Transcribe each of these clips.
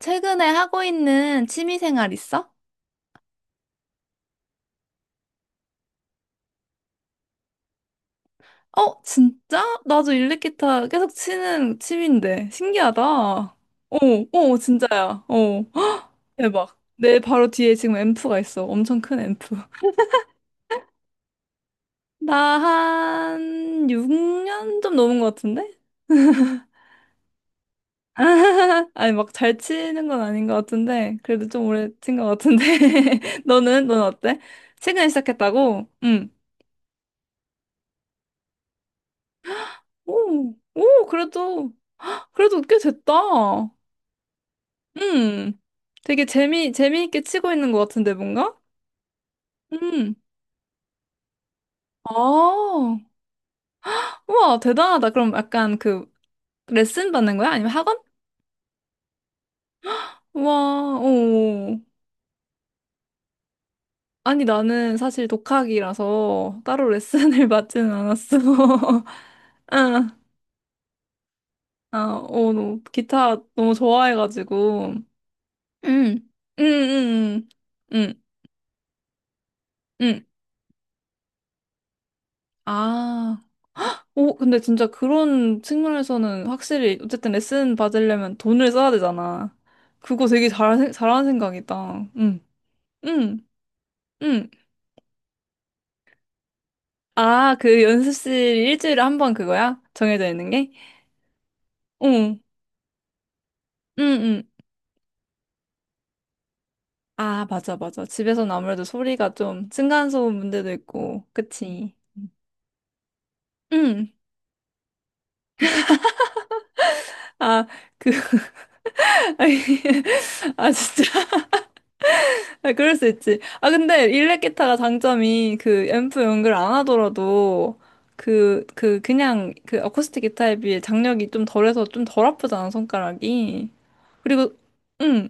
최근에 하고 있는 취미생활 있어? 어, 진짜? 나도 일렉기타 계속 치는 취미인데. 신기하다. 어, 어, 진짜야. 어, 헉, 대박. 내 바로 뒤에 지금 앰프가 있어. 엄청 큰 앰프. 나 한 6년 좀 넘은 것 같은데? 아니, 막 잘 치는 건 아닌 것 같은데. 그래도 좀 오래 친 것 같은데. 너는? 너는 어때? 최근에 시작했다고? 응. 오, 오, 그래도, 그래도 꽤 됐다. 음, 되게 재미있게 치고 있는 것 같은데, 뭔가? 음, 아, 우와, 대단하다. 그럼 약간 그 레슨 받는 거야? 아니면 학원? 우와, 오. 아니, 나는 사실 독학이라서 따로 레슨을 받지는 않았어. 응, 아, 어, 너 기타 너무 좋아해가지고. 응, 응, 응, 응, 응. 응. 아. 오, 근데 진짜 그런 측면에서는 확실히 어쨌든 레슨 받으려면 돈을 써야 되잖아. 그거 되게 잘하는 생각이다. 응, 응, 응. 아, 그 연습실 일주일에 한 번 그거야? 정해져 있는 게? 응, 응, 응. 아, 맞아, 맞아. 집에서는 아무래도 소리가 좀 층간소음 문제도 있고, 그치? 응. 아, 그, 아니, 아, 진짜. 아, 그럴 수 있지. 아, 근데 일렉 기타가 장점이 그 앰프 연결 안 하더라도 그냥 그 어쿠스틱 기타에 비해 장력이 좀 덜해서 좀 덜 아프잖아, 손가락이. 그리고, 응,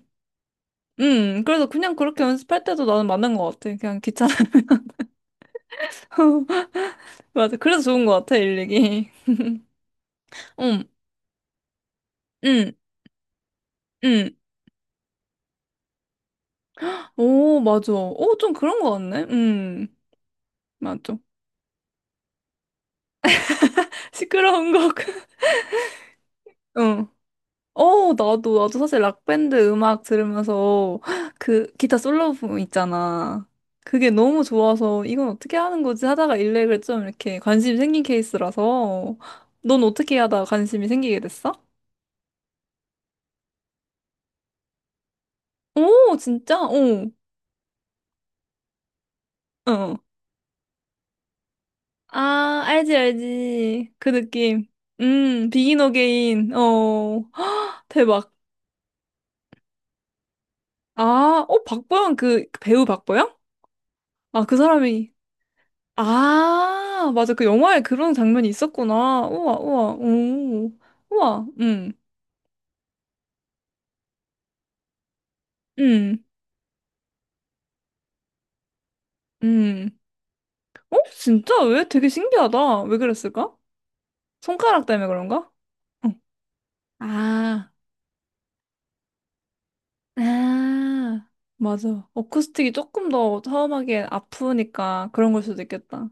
응. 그래서 그냥 그렇게 연습할 때도 나는 맞는 것 같아. 그냥 귀찮아. 맞아. 그래서 좋은 것 같아, 일렉이. 응, 응, 응. 오, 맞아. 오, 좀 그런 것 같네. 응, 맞아. 시끄러운 곡. 응. 어, 나도 사실 락밴드 음악 들으면서 그 기타 솔로 부분 있잖아. 그게 너무 좋아서 이건 어떻게 하는 거지 하다가 일렉을 좀 이렇게 관심이 생긴 케이스라서 넌 어떻게 하다가 관심이 생기게 됐어? 오, 진짜? 오, 어. 아, 알지. 그 느낌. 비긴 어게인. 어, 대박. 아, 어, 박보영 그 배우 박보영? 아, 그 사람이. 아, 맞아. 그 영화에 그런 장면이 있었구나. 우와, 우와, 오. 우와, 음, 음. 어? 진짜? 왜? 되게 신기하다. 왜 그랬을까? 손가락 때문에 그런가? 응. 아, 아, 맞아. 어쿠스틱이 조금 더 처음하기엔 아프니까 그런 걸 수도 있겠다.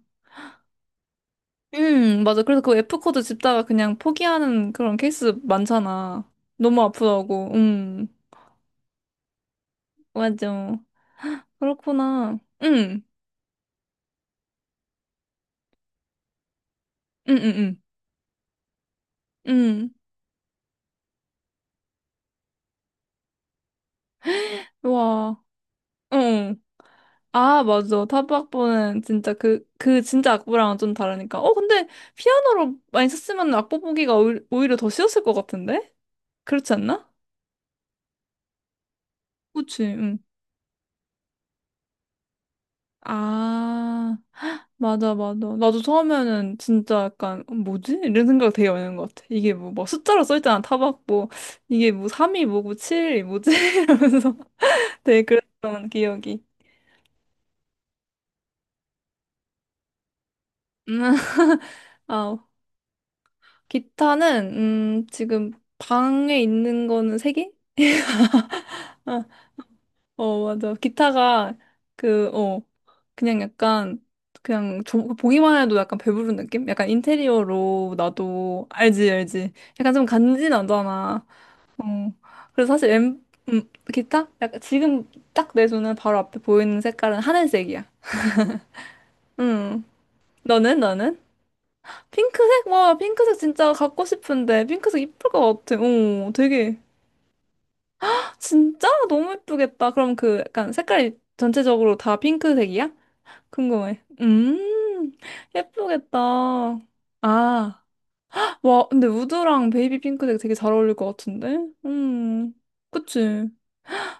맞아. 그래서 그 F코드 짚다가 그냥 포기하는 그런 케이스 많잖아. 너무 아프다고. 맞아. 그렇구나. 음, 음, 음. 응, 와, 응. 아, 맞아. 타박보는 진짜 그 진짜 악보랑은 좀 다르니까. 어, 근데 피아노로 많이 썼으면 악보 보기가 오히려 더 쉬웠을 것 같은데? 그렇지 않나? 그치, 응. 아, 맞아, 맞아. 나도 처음에는 진짜 약간, 어, 뭐지? 이런 생각 되게 많이 하는 것 같아. 이게 뭐, 막 숫자로 써있잖아, 타박보. 이게 뭐, 3이 뭐고, 7이 뭐지? 이러면서 되게 그랬던 기억이. 음, 아, 기타는 지금 방에 있는 거는 세 개? 아, 어 맞아. 기타가 그 어 그냥 약간 그냥 저, 보기만 해도 약간 배부른 느낌? 약간 인테리어로 나도 알지 알지. 약간 좀 간지나잖아. 어 그래서 사실 엠 기타? 약간 지금 딱 내 손에 바로 앞에 보이는 색깔은 하늘색이야. 음 너는 너는? 핑크색? 와 핑크색 진짜 갖고 싶은데 핑크색 이쁠 것 같아. 어 되게. 진짜? 너무 예쁘겠다. 그럼 그 약간 색깔이 전체적으로 다 핑크색이야? 궁금해. 예쁘겠다. 아, 와, 근데 우드랑 베이비 핑크색 되게 잘 어울릴 것 같은데? 음, 그치.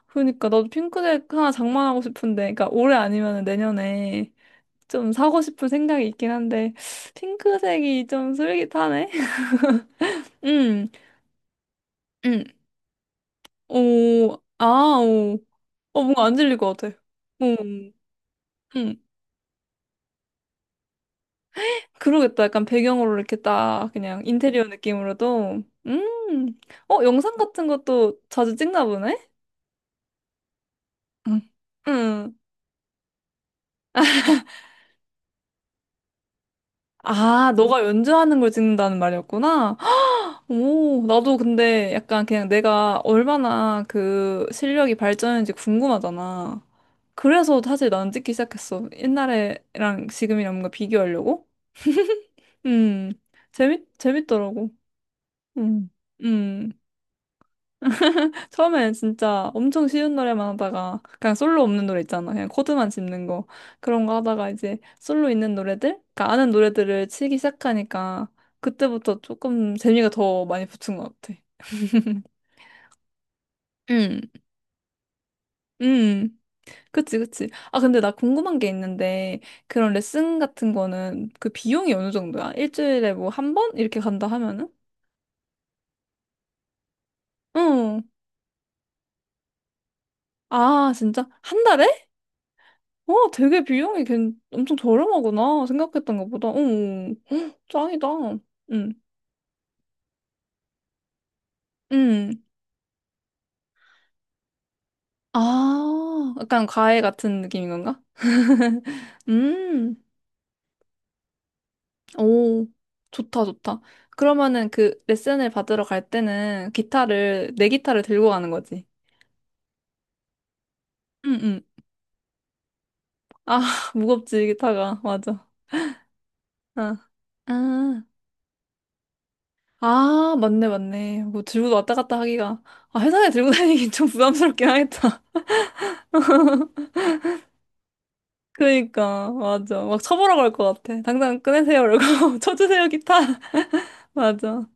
그러니까 나도 핑크색 하나 장만하고 싶은데, 그러니까 올해 아니면 내년에 좀 사고 싶은 생각이 있긴 한데, 핑크색이 좀 슬깃하네? 음, 음, 오, 아, 오. 어, 뭔가 안 질릴 것 같아. 오 음. 그러겠다. 약간 배경으로 이렇게 딱 그냥 인테리어 느낌으로도. 음. 어, 영상 같은 것도 자주 찍나 보네? 응. 응. 아, 너가 연주하는 걸 찍는다는 말이었구나. 오, 나도 근데 약간 그냥 내가 얼마나 그 실력이 발전했는지 궁금하잖아. 그래서 사실 난 찍기 시작했어. 옛날에랑 지금이랑 뭔가 비교하려고? 음, 재밌더라고. 음, 음. 처음엔 진짜 엄청 쉬운 노래만 하다가 그냥 솔로 없는 노래 있잖아. 그냥 코드만 짚는 거. 그런 거 하다가 이제 솔로 있는 노래들? 그러니까 아는 노래들을 치기 시작하니까 그때부터 조금 재미가 더 많이 붙은 것 같아. 응, 음, 그치, 그치. 아, 근데 나 궁금한 게 있는데, 그런 레슨 같은 거는 그 비용이 어느 정도야? 일주일에 뭐 한 번? 이렇게 간다 하면은? 응. 아, 진짜? 한 달에? 와, 되게 비용이 괜 엄청 저렴하구나. 생각했던 것보다. 어, 헉, 짱이다. 응, 응. 아, 약간 과외 같은 느낌인 건가? 음, 오, 좋다. 그러면은 그 레슨을 받으러 갈 때는 기타를, 내 기타를 들고 가는 거지. 응, 응. 아, 무겁지, 기타가. 맞아. 아, 아, 아, 맞네. 뭐 들고 왔다 갔다 하기가. 아, 회사에 들고 다니긴 좀 부담스럽긴 하겠다. 그니까, 맞아. 막 쳐보러고할 것 같아. 당장 끊으세요. 이러고, 쳐주세요, 기타. 맞아.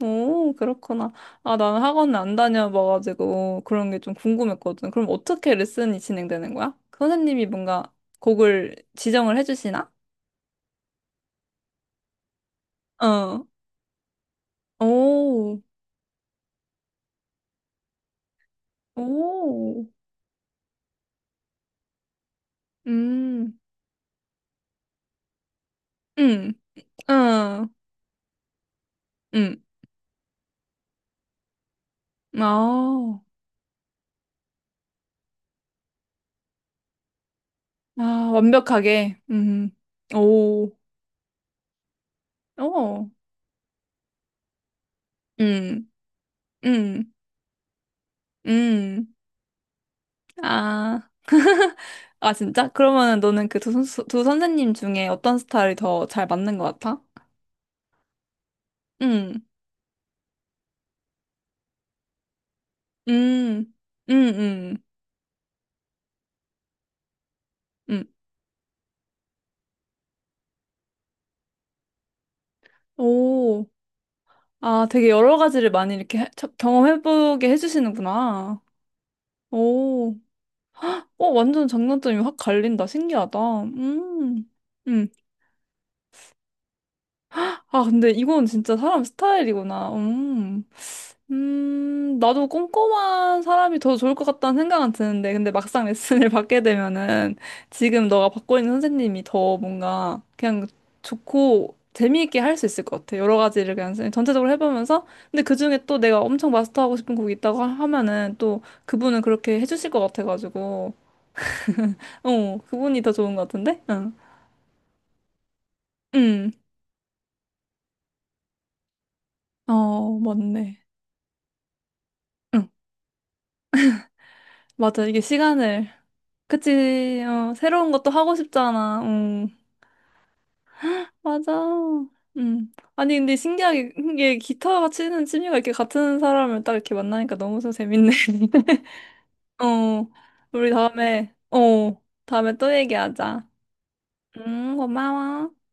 오, 그렇구나. 아, 나는 학원을 안 다녀봐가지고, 그런 게 좀 궁금했거든. 그럼 어떻게 레슨이 진행되는 거야? 그 선생님이 뭔가 곡을 지정을 해주시나? 어. 오, 오. 음, 음, 음, 음. 아, 아, 완벽하게. 오, 오, 음, 음, 음. 아, 아, 진짜? 그러면은 너는 그 두 선생님 중에 어떤 스타일이 더 잘 맞는 것 같아? 응, 음, 음, 음, 음. 오, 아, 되게 여러 가지를 많이 이렇게 경험해보게 해주시는구나. 오, 어, 완전 장단점이 확 갈린다. 신기하다. 음. 아, 근데 이건 진짜 사람 스타일이구나. 음. 나도 꼼꼼한 사람이 더 좋을 것 같다는 생각은 드는데, 근데 막상 레슨을 받게 되면은 지금 너가 받고 있는 선생님이 더 뭔가 그냥 좋고 재미있게 할 수 있을 것 같아. 여러 가지를 그냥 전체적으로 해보면서. 근데 그중에 또 내가 엄청 마스터하고 싶은 곡이 있다고 하면은 또 그분은 그렇게 해주실 것 같아가지고. 어, 그분이 더 좋은 것 같은데? 응. 음, 어, 맞네. 응, 맞아. 이게 시간을. 그치, 어, 새로운 것도 하고 싶잖아. 응. 맞아. 음. 아니, 근데 신기하게, 이게 기타 치는 취미가 이렇게 같은 사람을 딱 이렇게 만나니까 너무 서 재밌네. 어, 우리 다음에, 어, 다음에 또 얘기하자. 고마워.